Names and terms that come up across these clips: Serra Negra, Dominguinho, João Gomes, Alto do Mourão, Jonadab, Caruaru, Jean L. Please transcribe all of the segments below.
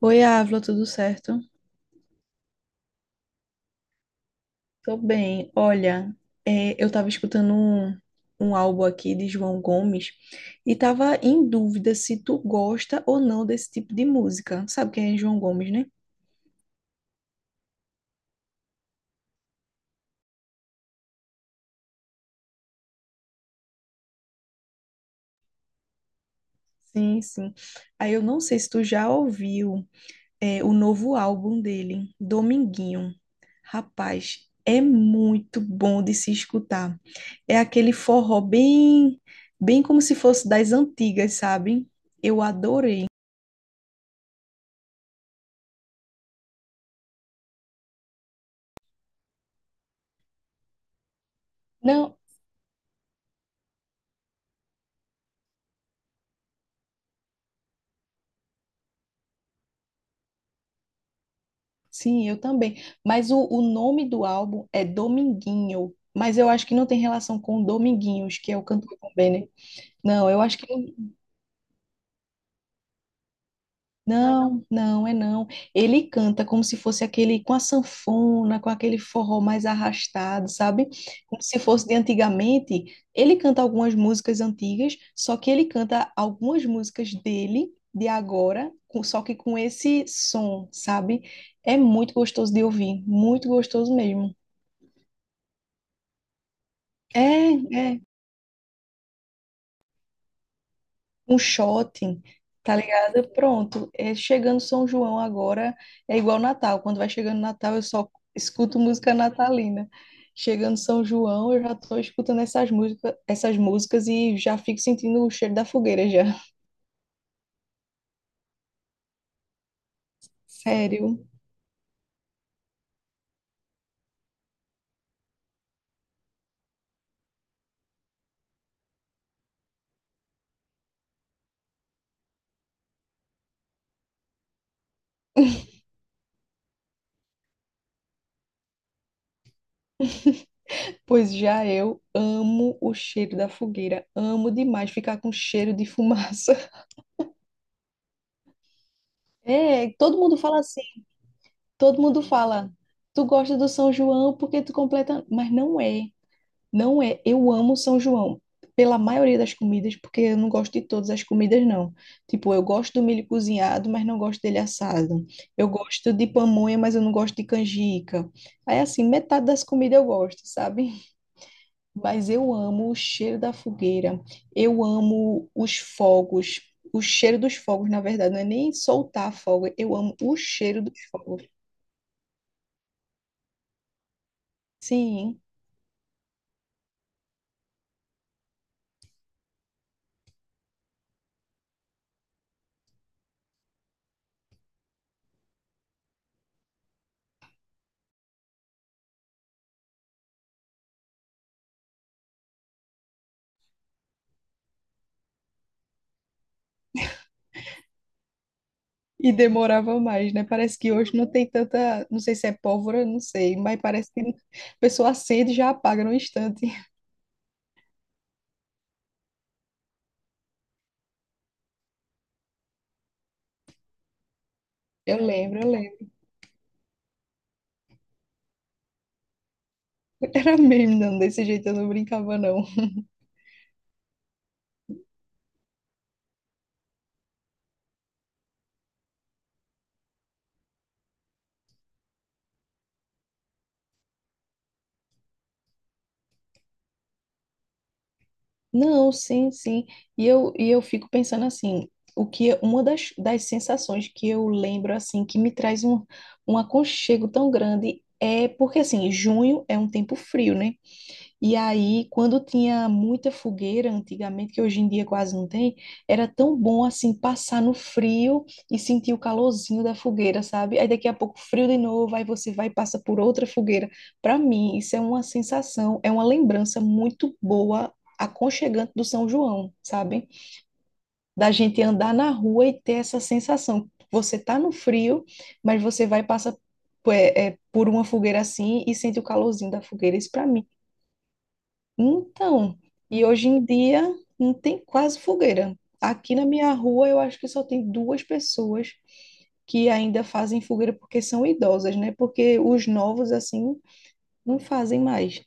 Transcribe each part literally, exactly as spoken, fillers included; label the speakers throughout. Speaker 1: Oi, Ávila, tudo certo? Tô bem. Olha, é, eu tava escutando um, um álbum aqui de João Gomes e tava em dúvida se tu gosta ou não desse tipo de música. Sabe quem é João Gomes, né? Sim, sim. Aí eu não sei se tu já ouviu, é, o novo álbum dele, Dominguinho. Rapaz, é muito bom de se escutar. É aquele forró bem, bem como se fosse das antigas, sabe? Eu adorei. Não. Sim, eu também. Mas o, o nome do álbum é Dominguinho. Mas eu acho que não tem relação com Dominguinhos, que é o cantor também, né? Não, eu acho que não. Não, não, é não. Ele canta como se fosse aquele com a sanfona, com aquele forró mais arrastado, sabe? Como se fosse de antigamente. Ele canta algumas músicas antigas, só que ele canta algumas músicas dele, de agora, com- só que com esse som, sabe? É muito gostoso de ouvir, muito gostoso mesmo. É, é. Um shopping, tá ligado? Pronto. É, chegando São João agora é igual Natal. Quando vai chegando Natal, eu só escuto música natalina. Chegando São João, eu já tô escutando essas músicas, essas músicas e já fico sentindo o cheiro da fogueira já. Sério. Pois já eu amo o cheiro da fogueira. Amo demais ficar com cheiro de fumaça. É, todo mundo fala assim. Todo mundo fala, tu gosta do São João porque tu completa. Mas não é. Não é, eu amo São João, pela maioria das comidas, porque eu não gosto de todas as comidas, não. Tipo, eu gosto do milho cozinhado, mas não gosto dele assado. Eu gosto de pamonha, mas eu não gosto de canjica. Aí, assim, metade das comidas eu gosto, sabe? Mas eu amo o cheiro da fogueira, eu amo os fogos, o cheiro dos fogos, na verdade, não é nem soltar fogo, eu amo o cheiro dos fogos. Sim. E demorava mais, né? Parece que hoje não tem tanta, não sei se é pólvora, não sei, mas parece que a pessoa acende e já apaga no instante. Eu lembro, eu lembro. Era mesmo, não, desse jeito eu não brincava, não. Não, sim, sim. E eu, e eu fico pensando assim, o que uma das, das sensações que eu lembro, assim, que me traz um, um aconchego tão grande é porque, assim, junho é um tempo frio, né? E aí, quando tinha muita fogueira antigamente, que hoje em dia quase não tem, era tão bom assim passar no frio e sentir o calorzinho da fogueira, sabe? Aí daqui a pouco frio de novo, aí você vai e passa por outra fogueira. Para mim, isso é uma sensação, é uma lembrança muito boa, aconchegante do São João, sabe? Da gente andar na rua e ter essa sensação. Você tá no frio, mas você vai e passa é, é, por uma fogueira assim e sente o calorzinho da fogueira. Isso para mim então, e hoje em dia não tem quase fogueira. Aqui na minha rua eu acho que só tem duas pessoas que ainda fazem fogueira porque são idosas, né? Porque os novos assim não fazem mais.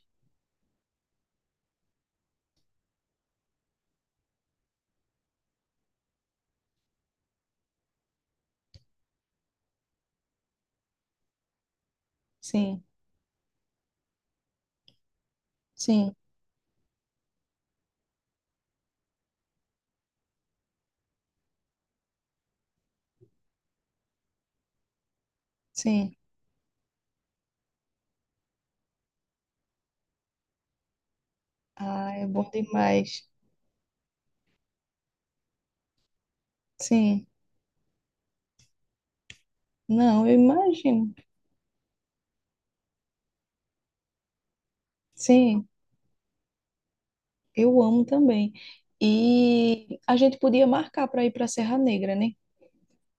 Speaker 1: Sim, sim, sim. Ah, é bom demais. Sim. Não, eu imagino. Sim, eu amo também. E a gente podia marcar para ir para Serra Negra, né?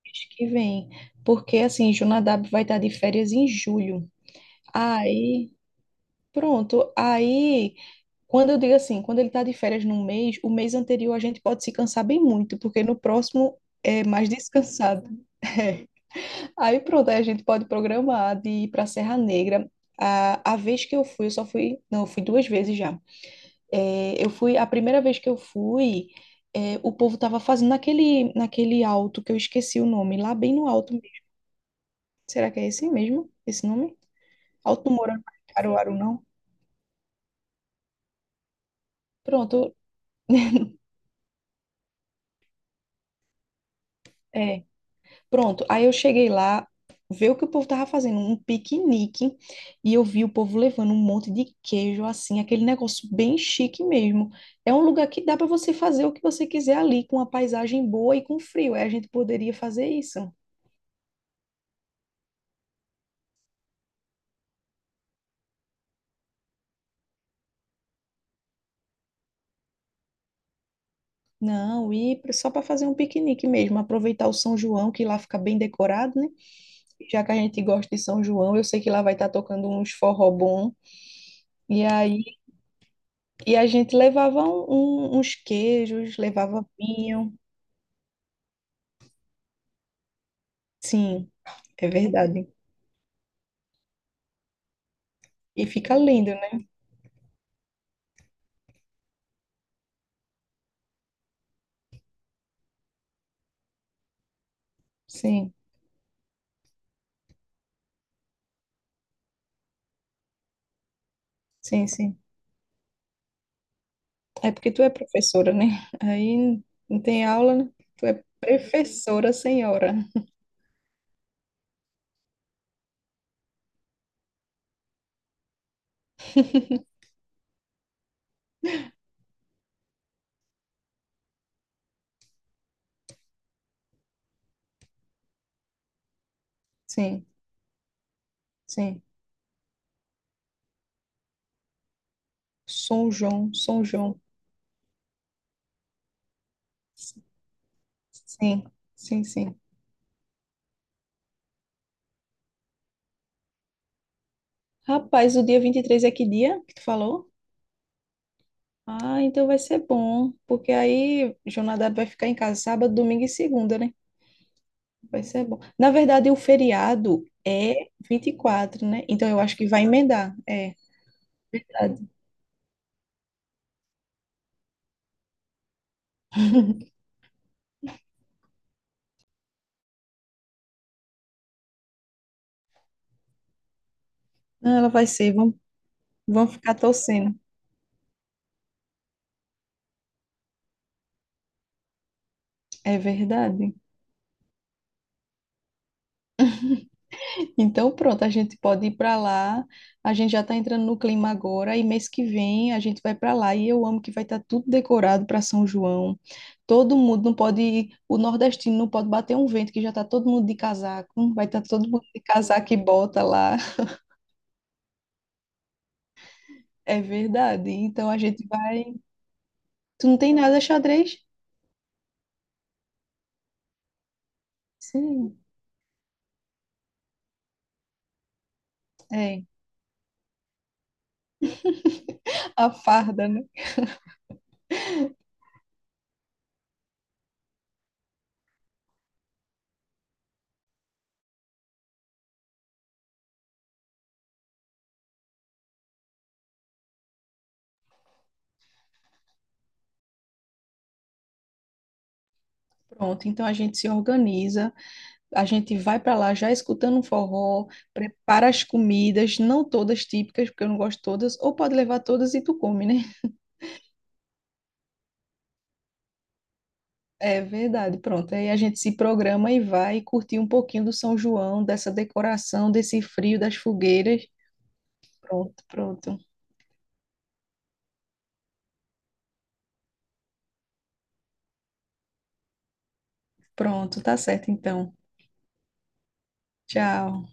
Speaker 1: Mês que vem, porque assim, Jonadab vai estar de férias em julho. Aí pronto, aí quando eu digo assim, quando ele está de férias num mês, o mês anterior a gente pode se cansar bem muito, porque no próximo é mais descansado. É. Aí pronto, aí a gente pode programar de ir pra Serra Negra. A, a vez que eu fui, eu só fui, não, eu fui duas vezes já. É, eu fui, a primeira vez que eu fui, é, o povo tava fazendo naquele, naquele alto que eu esqueci o nome, lá bem no alto mesmo. Será que é esse mesmo? Esse nome? Alto do Mourão, Caruaru, não? Pronto, é. Pronto, aí eu cheguei lá, ver o que o povo tava fazendo, um piquenique, e eu vi o povo levando um monte de queijo, assim, aquele negócio bem chique mesmo. É um lugar que dá para você fazer o que você quiser ali, com uma paisagem boa e com frio. Aí a gente poderia fazer isso. Não, ir pra- só para fazer um piquenique mesmo, aproveitar o São João, que lá fica bem decorado, né? Já que a gente gosta de São João, eu sei que lá vai estar tocando uns forró bom. E aí, e a gente levava um- um- uns queijos, levava vinho. Sim. É verdade. E fica lindo, né? Sim, sim, sim. É porque tu é professora, né? Aí não tem aula, né? Tu é professora, senhora. Sim, sim. São João, São João. Sim, sim, sim. Rapaz, o dia vinte e três é que dia que tu falou? Ah, então vai ser bom, porque aí Jonadab vai ficar em casa sábado, domingo e segunda, né? Vai ser bom. Na verdade, o feriado é vinte e quatro, né? Então eu acho que vai emendar. É, verdade. Não, ela vai ser. Vamos. Vão ficar torcendo. É verdade. Então, pronto, a gente pode ir para lá. A gente já está entrando no clima agora e mês que vem a gente vai para lá e eu amo que vai estar tudo decorado para São João. Todo mundo não pode, o nordestino não pode bater um vento que já está todo mundo de casaco, vai estar todo mundo de casaco e bota lá. É verdade. Então a gente vai. Tu não tem nada xadrez? Sim. É, a farda, né? Pronto, então a gente se organiza. A gente vai para lá já escutando um forró, prepara as comidas, não todas típicas, porque eu não gosto todas, ou pode levar todas e tu come, né? É verdade, pronto. Aí a gente se programa e vai curtir um pouquinho do São João, dessa decoração, desse frio, das fogueiras. Pronto, pronto. Pronto, tá certo então. Tchau.